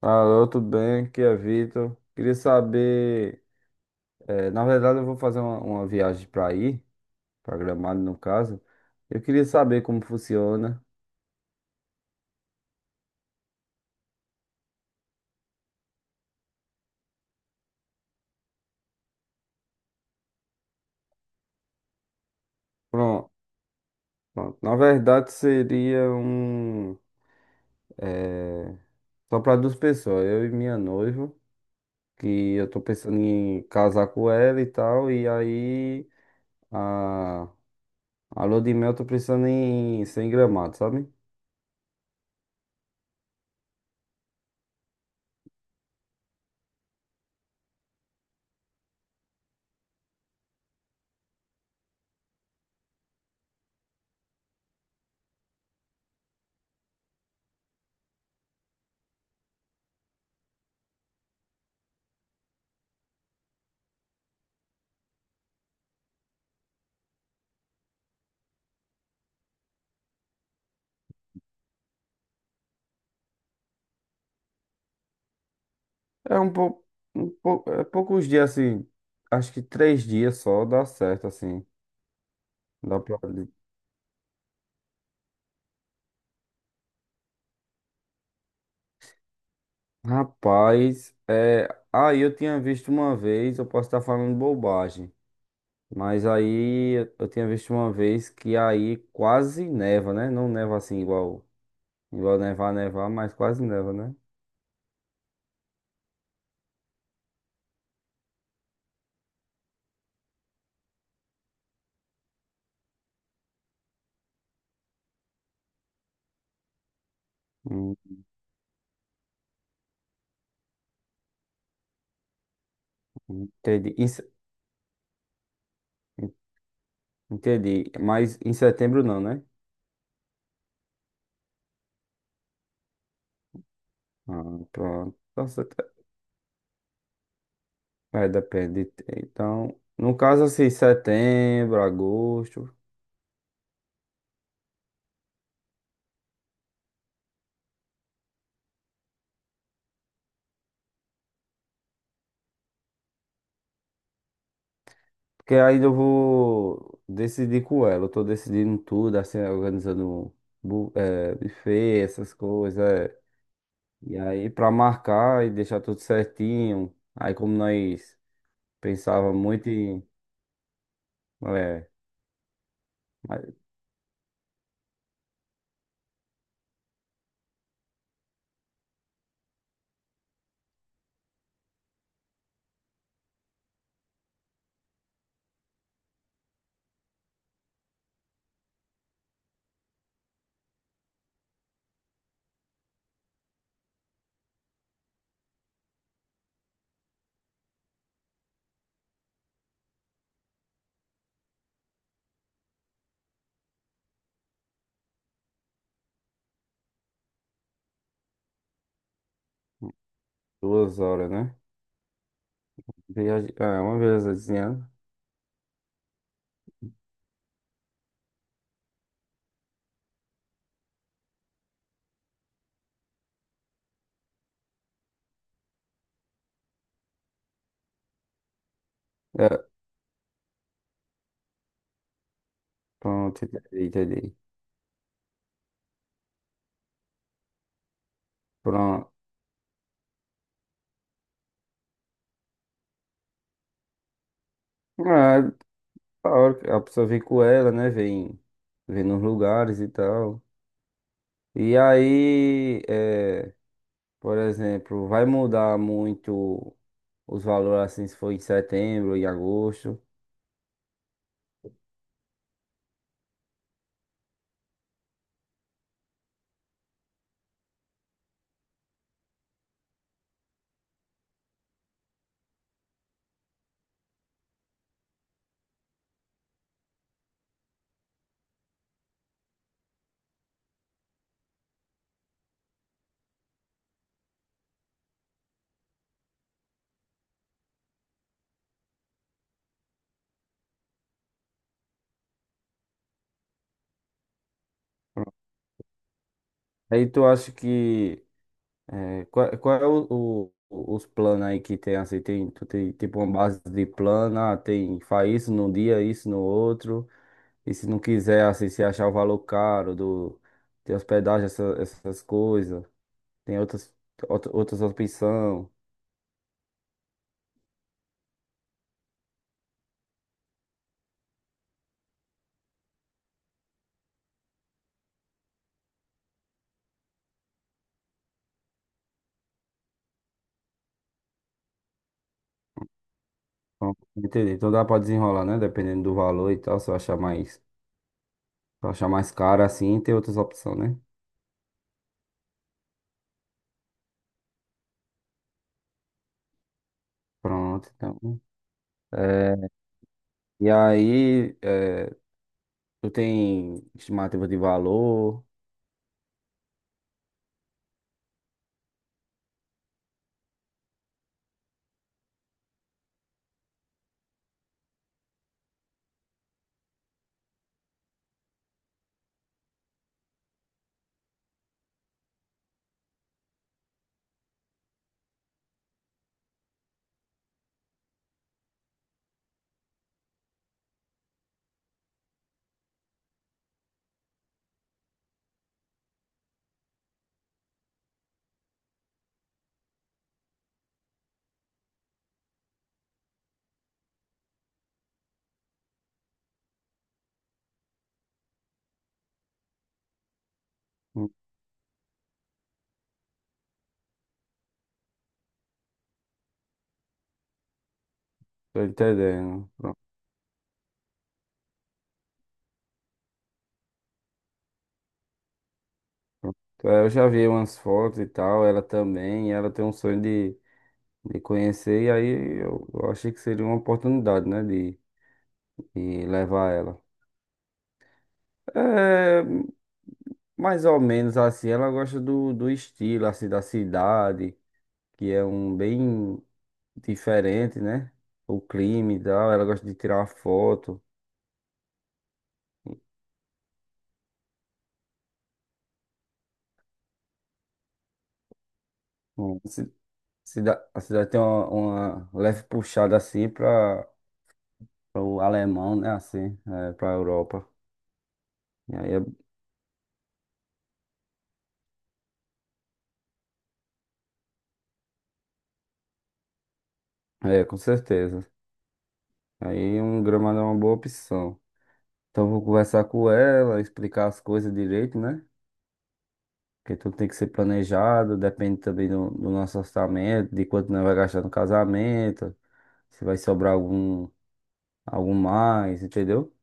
Alô, tudo bem? Aqui é Vitor. Queria saber, na verdade eu vou fazer uma viagem para Gramado no caso. Eu queria saber como funciona. Pronto, pronto. Na verdade seria eh, só para duas pessoas, eu e minha noiva, que eu tô pensando em casar com ela e tal. E aí a, a lua de mel eu tô pensando em ser em Gramado, sabe? É um pouco, é poucos dias assim. Acho que 3 dias só dá certo assim. Dá pra. Rapaz, aí eu tinha visto uma vez, eu posso estar falando bobagem, mas aí eu tinha visto uma vez que aí quase neva, né? Não neva assim igual nevar, nevar, mas quase neva, né? Hum, entendi. Entendi. Mas em setembro não, né? Ah, pronto. Tá certo. É, depende. Então, no caso assim, setembro, agosto. Porque aí eu vou decidir com ela. Eu tô decidindo tudo, assim, organizando buffet, essas coisas. É. E aí, pra marcar e deixar tudo certinho. Aí, como nós pensava muito em, é, mais. 2 horas, né? É, uma viagemzinha. É, pronto, entendi, entendi. Pronto. É, da hora que a pessoa vem com ela, né? Vem nos lugares e tal. E aí, por exemplo, vai mudar muito os valores assim se for em setembro, em agosto. Aí tu acha que qual é os planos aí que tem assim? Tem, tu tem tipo uma base de plano, ah, tem faz isso num dia, isso no outro. E se não quiser, assim, se achar o valor caro do de hospedagem, essas coisas. Tem outras, outras opções. Então, entendeu? Então dá pra desenrolar, né? Dependendo do valor e tal. Se eu achar mais caro assim, tem outras opções, né? Pronto, então. É, e aí, tu tem estimativa de valor? Hum, Tô entendendo. Pronto, pronto. É, eu já vi umas fotos e tal, ela também, e ela tem um sonho de conhecer, e aí eu achei que seria uma oportunidade, né? De levar ela. É, mais ou menos assim, ela gosta do estilo assim da cidade, que é um bem diferente, né? O clima e tal, ela gosta de tirar uma foto. Hum. A cidade tem uma leve puxada assim para o alemão, né? Assim, para a Europa. E aí com certeza. Aí um gramado é uma boa opção. Então eu vou conversar com ela, explicar as coisas direito, né? Porque tudo tem que ser planejado, depende também do nosso orçamento, de quanto nós vai gastar no casamento, se vai sobrar algum, mais, entendeu?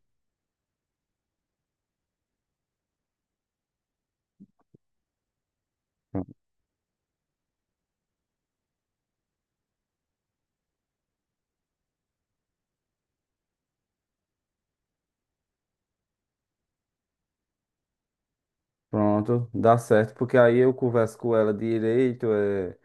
Pronto, dá certo, porque aí eu converso com ela direito,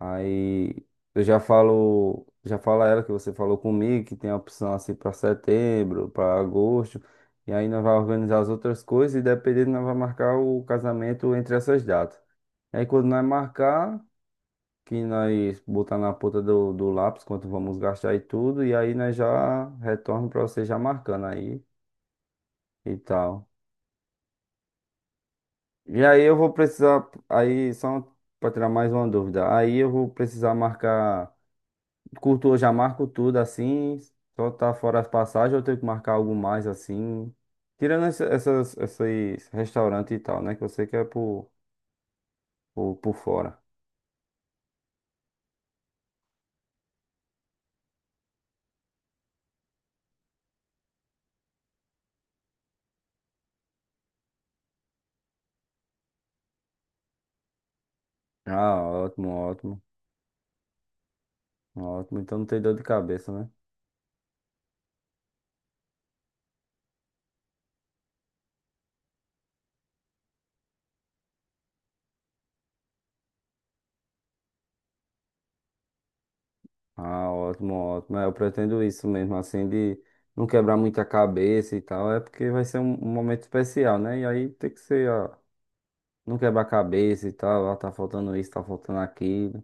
aí eu já falo, a ela que você falou comigo, que tem a opção assim para setembro, para agosto, e aí nós vai organizar as outras coisas e, dependendo, nós vai marcar o casamento entre essas datas. Aí quando nós marcar, que nós botar na ponta do lápis quanto vamos gastar e tudo, e aí nós já retorno para você já marcando aí e tal. E aí eu vou precisar, aí só para tirar mais uma dúvida, aí eu vou precisar marcar curto, eu já marco tudo assim, só tá fora as passagens, ou eu tenho que marcar algo mais assim, tirando esses restaurantes e tal, né, que você quer por, fora. Ah, ótimo, ótimo, ótimo, então não tem dor de cabeça, né? Ah, ótimo, ótimo. É, eu pretendo isso mesmo, assim, de não quebrar muita cabeça e tal. É porque vai ser um momento especial, né? E aí tem que ser, ó, não quebrar a cabeça e tal, ó, tá faltando isso, tá faltando aquilo,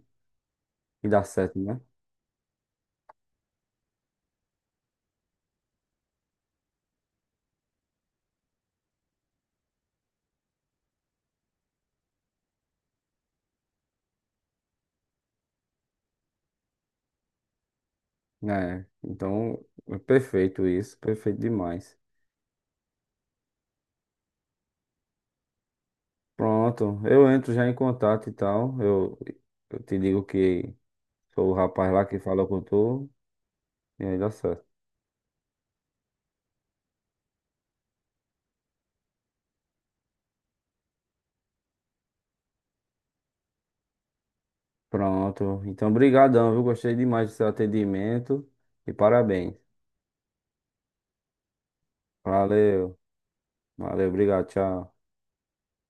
e dá certo, né? É, então, é perfeito isso, perfeito demais. Pronto, eu entro já em contato e tal, eu te digo que sou o rapaz lá que falou com tu, e aí dá certo. Pronto, então, brigadão, viu? Gostei demais do seu atendimento e parabéns. Valeu, valeu, obrigado, tchau.